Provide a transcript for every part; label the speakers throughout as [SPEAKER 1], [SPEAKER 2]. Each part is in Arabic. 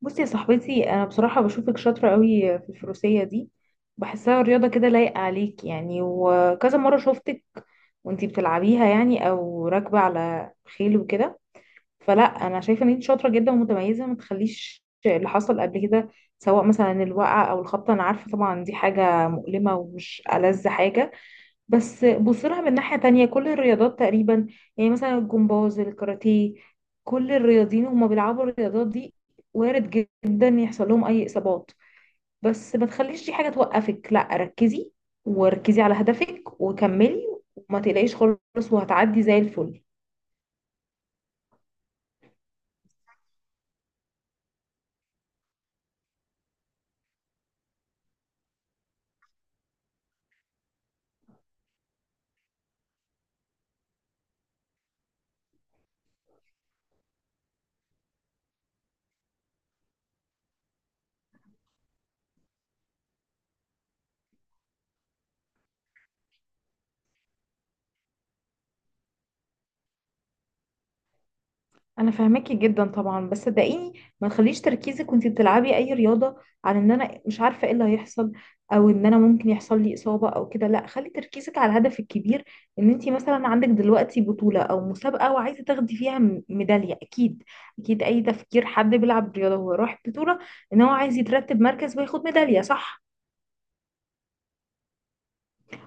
[SPEAKER 1] بصي يا صاحبتي، انا بصراحه بشوفك شاطره قوي في الفروسيه دي. بحسها رياضه كده لايقه عليك يعني، وكذا مره شفتك وانتي بتلعبيها يعني او راكبه على خيل وكده. فلا، انا شايفه ان انت شاطره جدا ومتميزه. ما تخليش اللي حصل قبل كده، سواء مثلا الوقعه او الخبطه، انا عارفه طبعا دي حاجه مؤلمه ومش ألذ حاجه، بس بص لها من ناحية تانية. كل الرياضات تقريبا، يعني مثلا الجمباز، الكاراتيه، كل الرياضيين هما بيلعبوا الرياضات دي، وارد جدا يحصل لهم أي إصابات، بس ما تخليش دي حاجة توقفك. لا، ركزي وركزي على هدفك وكملي، وما تقلقيش خالص وهتعدي زي الفل. انا فاهماكي جدا طبعا، بس صدقيني ما تخليش تركيزك وانتي بتلعبي اي رياضه عن ان انا مش عارفه ايه اللي هيحصل، او ان انا ممكن يحصل لي اصابه او كده. لا، خلي تركيزك على الهدف الكبير، ان انتي مثلا عندك دلوقتي بطوله او مسابقه وعايزه تاخدي فيها ميداليه. اكيد اكيد اي تفكير حد بيلعب رياضه هو راح بطوله ان هو عايز يترتب مركز وياخد ميداليه، صح؟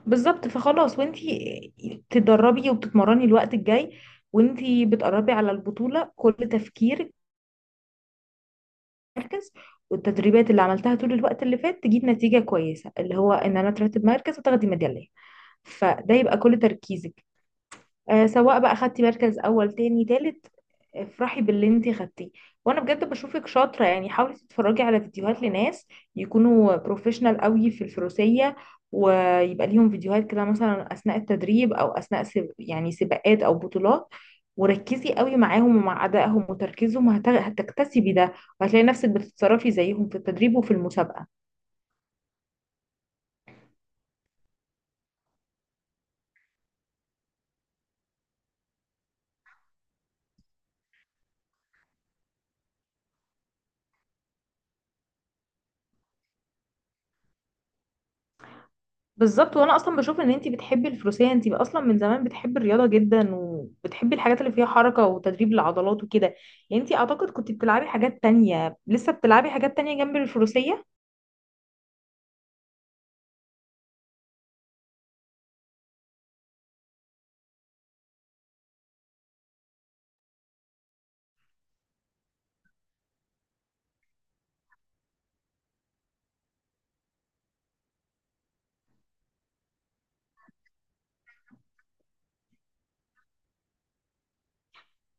[SPEAKER 1] بالظبط. فخلاص، وانتي تدربي وبتتمرني الوقت الجاي وانتي بتقربي على البطوله، كل تفكيرك مركز، والتدريبات اللي عملتها طول الوقت اللي فات تجيب نتيجة كويسة، اللي هو ان انا اترتب مركز وتاخدي ميدالية. فده يبقى كل تركيزك. سواء بقى خدتي مركز اول، تاني، تالت، افرحي باللي انتي خدتيه. وانا بجد بشوفك شاطره. يعني حاولي تتفرجي على فيديوهات لناس يكونوا بروفيشنال قوي في الفروسيه، ويبقى ليهم فيديوهات كده مثلا اثناء التدريب او اثناء يعني سباقات او بطولات، وركزي قوي معاهم ومع ادائهم وتركيزهم. هتكتسبي ده، وهتلاقي نفسك بتتصرفي زيهم في التدريب وفي المسابقه. بالظبط، وانا اصلا بشوف ان انتي بتحبي الفروسية. انتي اصلا من زمان بتحبي الرياضة جدا، وبتحبي الحاجات اللي فيها حركة وتدريب العضلات وكده. يعني انتي اعتقد كنت بتلعبي حاجات تانية، لسه بتلعبي حاجات تانية جنب الفروسية.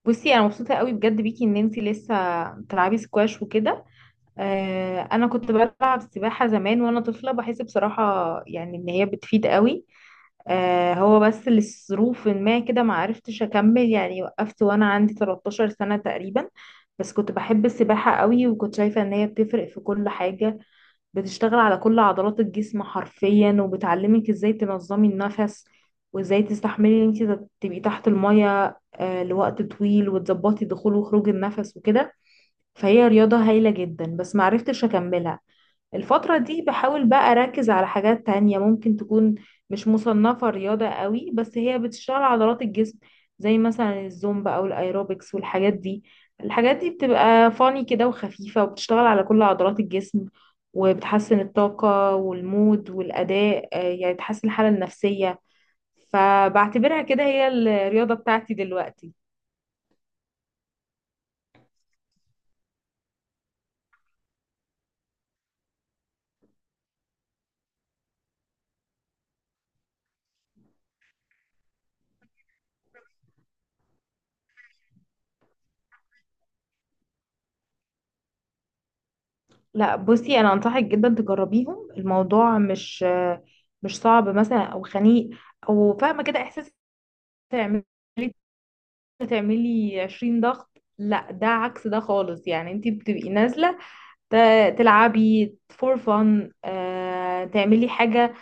[SPEAKER 1] بصي، انا مبسوطة قوي بجد بيكي ان انتي لسه بتلعبي سكواش وكده. انا كنت بلعب سباحة زمان وانا طفلة. بحس بصراحة يعني ان هي بتفيد قوي. هو بس لظروف ما كده ما عرفتش اكمل، يعني وقفت وانا عندي 13 سنة تقريبا. بس كنت بحب السباحة قوي، وكنت شايفة ان هي بتفرق في كل حاجة. بتشتغل على كل عضلات الجسم حرفيا، وبتعلمك ازاي تنظمي النفس، وازاي تستحملي ان انت تبقي تحت المية لوقت طويل، وتظبطي دخول وخروج النفس وكده. فهي رياضة هايلة جدا، بس ما عرفتش اكملها. الفترة دي بحاول بقى أركز على حاجات تانية ممكن تكون مش مصنفة رياضة قوي، بس هي بتشتغل عضلات الجسم، زي مثلا الزومبا أو الأيروبكس والحاجات دي. الحاجات دي بتبقى فاني كده وخفيفة، وبتشتغل على كل عضلات الجسم، وبتحسن الطاقة والمود والأداء، يعني بتحسن الحالة النفسية. فبعتبرها كده هي الرياضة بتاعتي دلوقتي. لا، بصي، انا انصحك جدا تجربيهم. الموضوع مش صعب مثلا او خنيق، او فاهمه كده احساس تعملي تعملي 20 ضغط. لا، ده عكس ده خالص. يعني انت بتبقي نازله تلعبي فور فن، تعملي حاجه،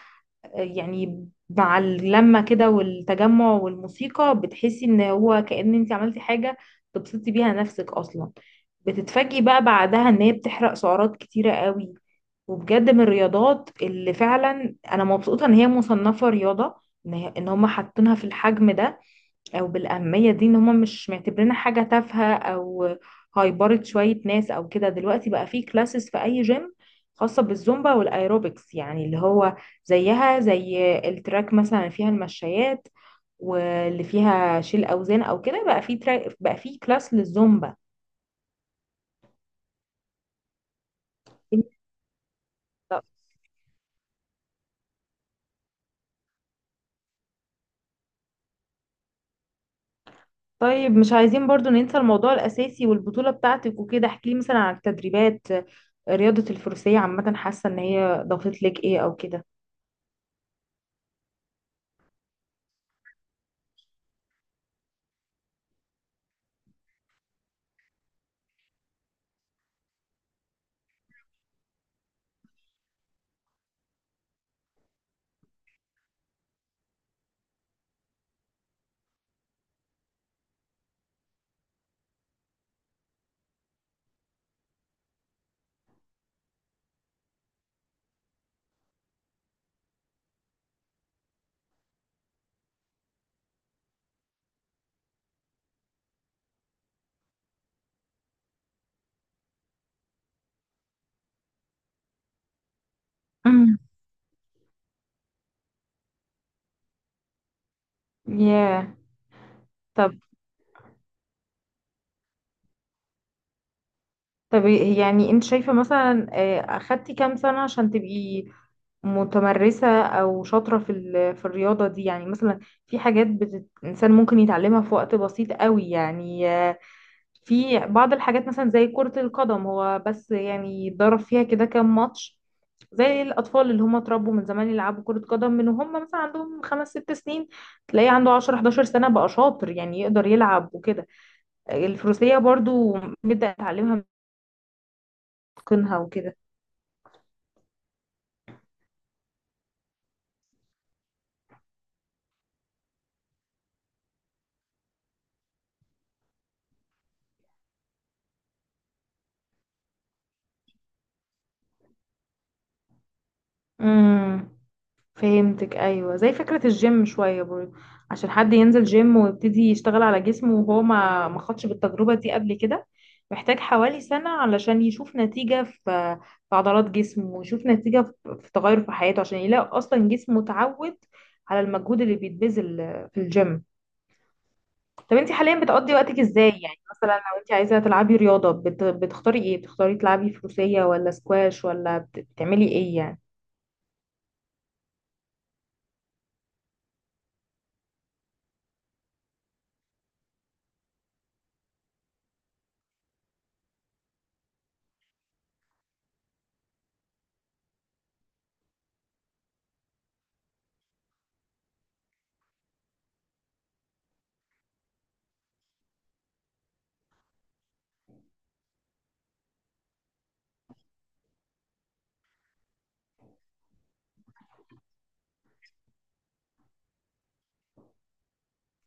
[SPEAKER 1] يعني مع اللمة كده والتجمع والموسيقى بتحسي ان هو كأن انت عملتي حاجة تبسطي بيها نفسك اصلا. بتتفاجئي بقى بعدها ان هي بتحرق سعرات كتيرة قوي. وبجد من الرياضات اللي فعلا انا مبسوطة ان هي مصنفة رياضة، ان إن هما حاطينها في الحجم ده او بالاهميه دي، ان هم مش معتبرينها حاجه تافهه او هيبرد شويه ناس او كده. دلوقتي بقى في كلاسز في اي جيم خاصه بالزومبا والايروبكس، يعني اللي هو زيها زي التراك. مثلا فيها المشايات واللي فيها شيل اوزان او كده، بقى في تراك، بقى في كلاس للزومبا. طيب، مش عايزين برضو ننسى الموضوع الأساسي والبطولة بتاعتك وكده. احكيلي مثلا عن التدريبات. رياضة الفروسية عامة، حاسة ان هي ضافت لك ايه او كده؟ امم. ياه. yeah. طب يعني انت شايفة مثلا، اخدتي كام سنة عشان تبقي متمرسة او شاطرة في في الرياضة دي؟ يعني مثلا في حاجات الانسان ممكن يتعلمها في وقت بسيط قوي. يعني في بعض الحاجات مثلا زي كرة القدم، هو بس يعني اتدرب فيها كده كام ماتش، زي الأطفال اللي هم اتربوا من زمان يلعبوا كرة قدم من وهم مثلا عندهم خمس ست سنين، تلاقيه عنده 10 11 سنة بقى شاطر، يعني يقدر يلعب وكده. الفروسية برضو بدأ يتعلمها من تقنها وكده. امم. فهمتك. ايوه، زي فكره الجيم شويه برضه. عشان حد ينزل جيم ويبتدي يشتغل على جسمه وهو ما خدش بالتجربه دي قبل كده، محتاج حوالي سنه علشان يشوف نتيجه في في عضلات جسمه، ويشوف نتيجه في تغير في حياته، عشان يلاقي اصلا جسمه اتعود على المجهود اللي بيتبذل في الجيم. طب انت حاليا بتقضي وقتك ازاي؟ يعني مثلا لو انت عايزه تلعبي رياضه بتختاري ايه؟ بتختاري تلعبي فروسيه ولا سكواش ولا بتعملي ايه يعني؟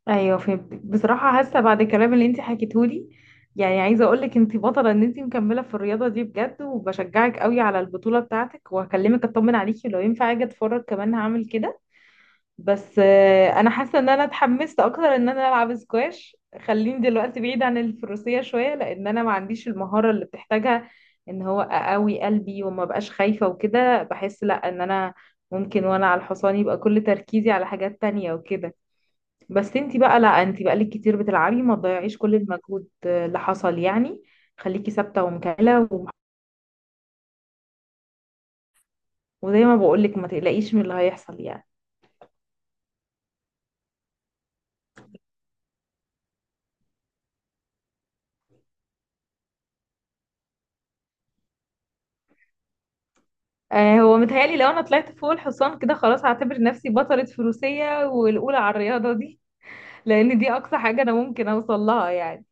[SPEAKER 1] ايوه فهمتك. بصراحه حاسه بعد الكلام اللي انت حكيتهولي، يعني عايزه اقول لك انت بطله، ان انت مكمله في الرياضه دي بجد. وبشجعك قوي على البطوله بتاعتك، وهكلمك اطمن عليكي، لو ينفع اجي اتفرج كمان هعمل كده. بس انا حاسه ان انا اتحمست اكتر ان انا العب سكواش. خليني دلوقتي بعيد عن الفروسيه شويه، لان انا ما عنديش المهاره اللي بتحتاجها ان هو اقوي قلبي وما بقاش خايفه وكده. بحس لا، ان انا ممكن وانا على الحصان يبقى كل تركيزي على حاجات تانية وكده. بس انتي بقى لا، انتي بقالك كتير بتلعبي، ما تضيعيش كل المجهود اللي حصل يعني. خليكي ثابته ومكمله وزي ما بقولك ما تقلقيش من اللي هيحصل يعني. هو متهيألي لو انا طلعت فوق الحصان كده خلاص هعتبر نفسي بطلة فروسية والاولى على الرياضة دي، لان دي اقصى حاجة انا ممكن اوصل لها يعني.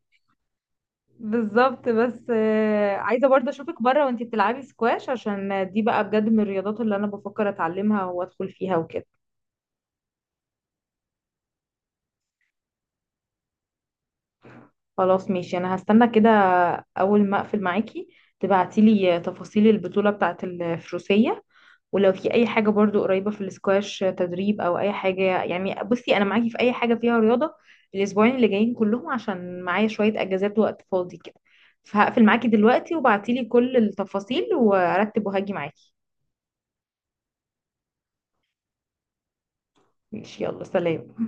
[SPEAKER 1] بالظبط. بس عايزة برضه اشوفك بره وانتي بتلعبي سكواش، عشان دي بقى بجد من الرياضات اللي انا بفكر اتعلمها وادخل فيها وكده. خلاص ماشي، انا هستنى كده. اول ما اقفل معاكي تبعتيلي تفاصيل البطولة بتاعة الفروسية. ولو في اي حاجة برضو قريبة في الاسكواش، تدريب او اي حاجة، يعني بصي انا معاكي في اي حاجة فيها رياضة. الاسبوعين اللي جايين كلهم عشان معايا شوية اجازات، وقت فاضي كده. فهقفل معاكي دلوقتي، وبعتيلي كل التفاصيل وارتب وهاجي معاكي. ماشي، يلا سلام.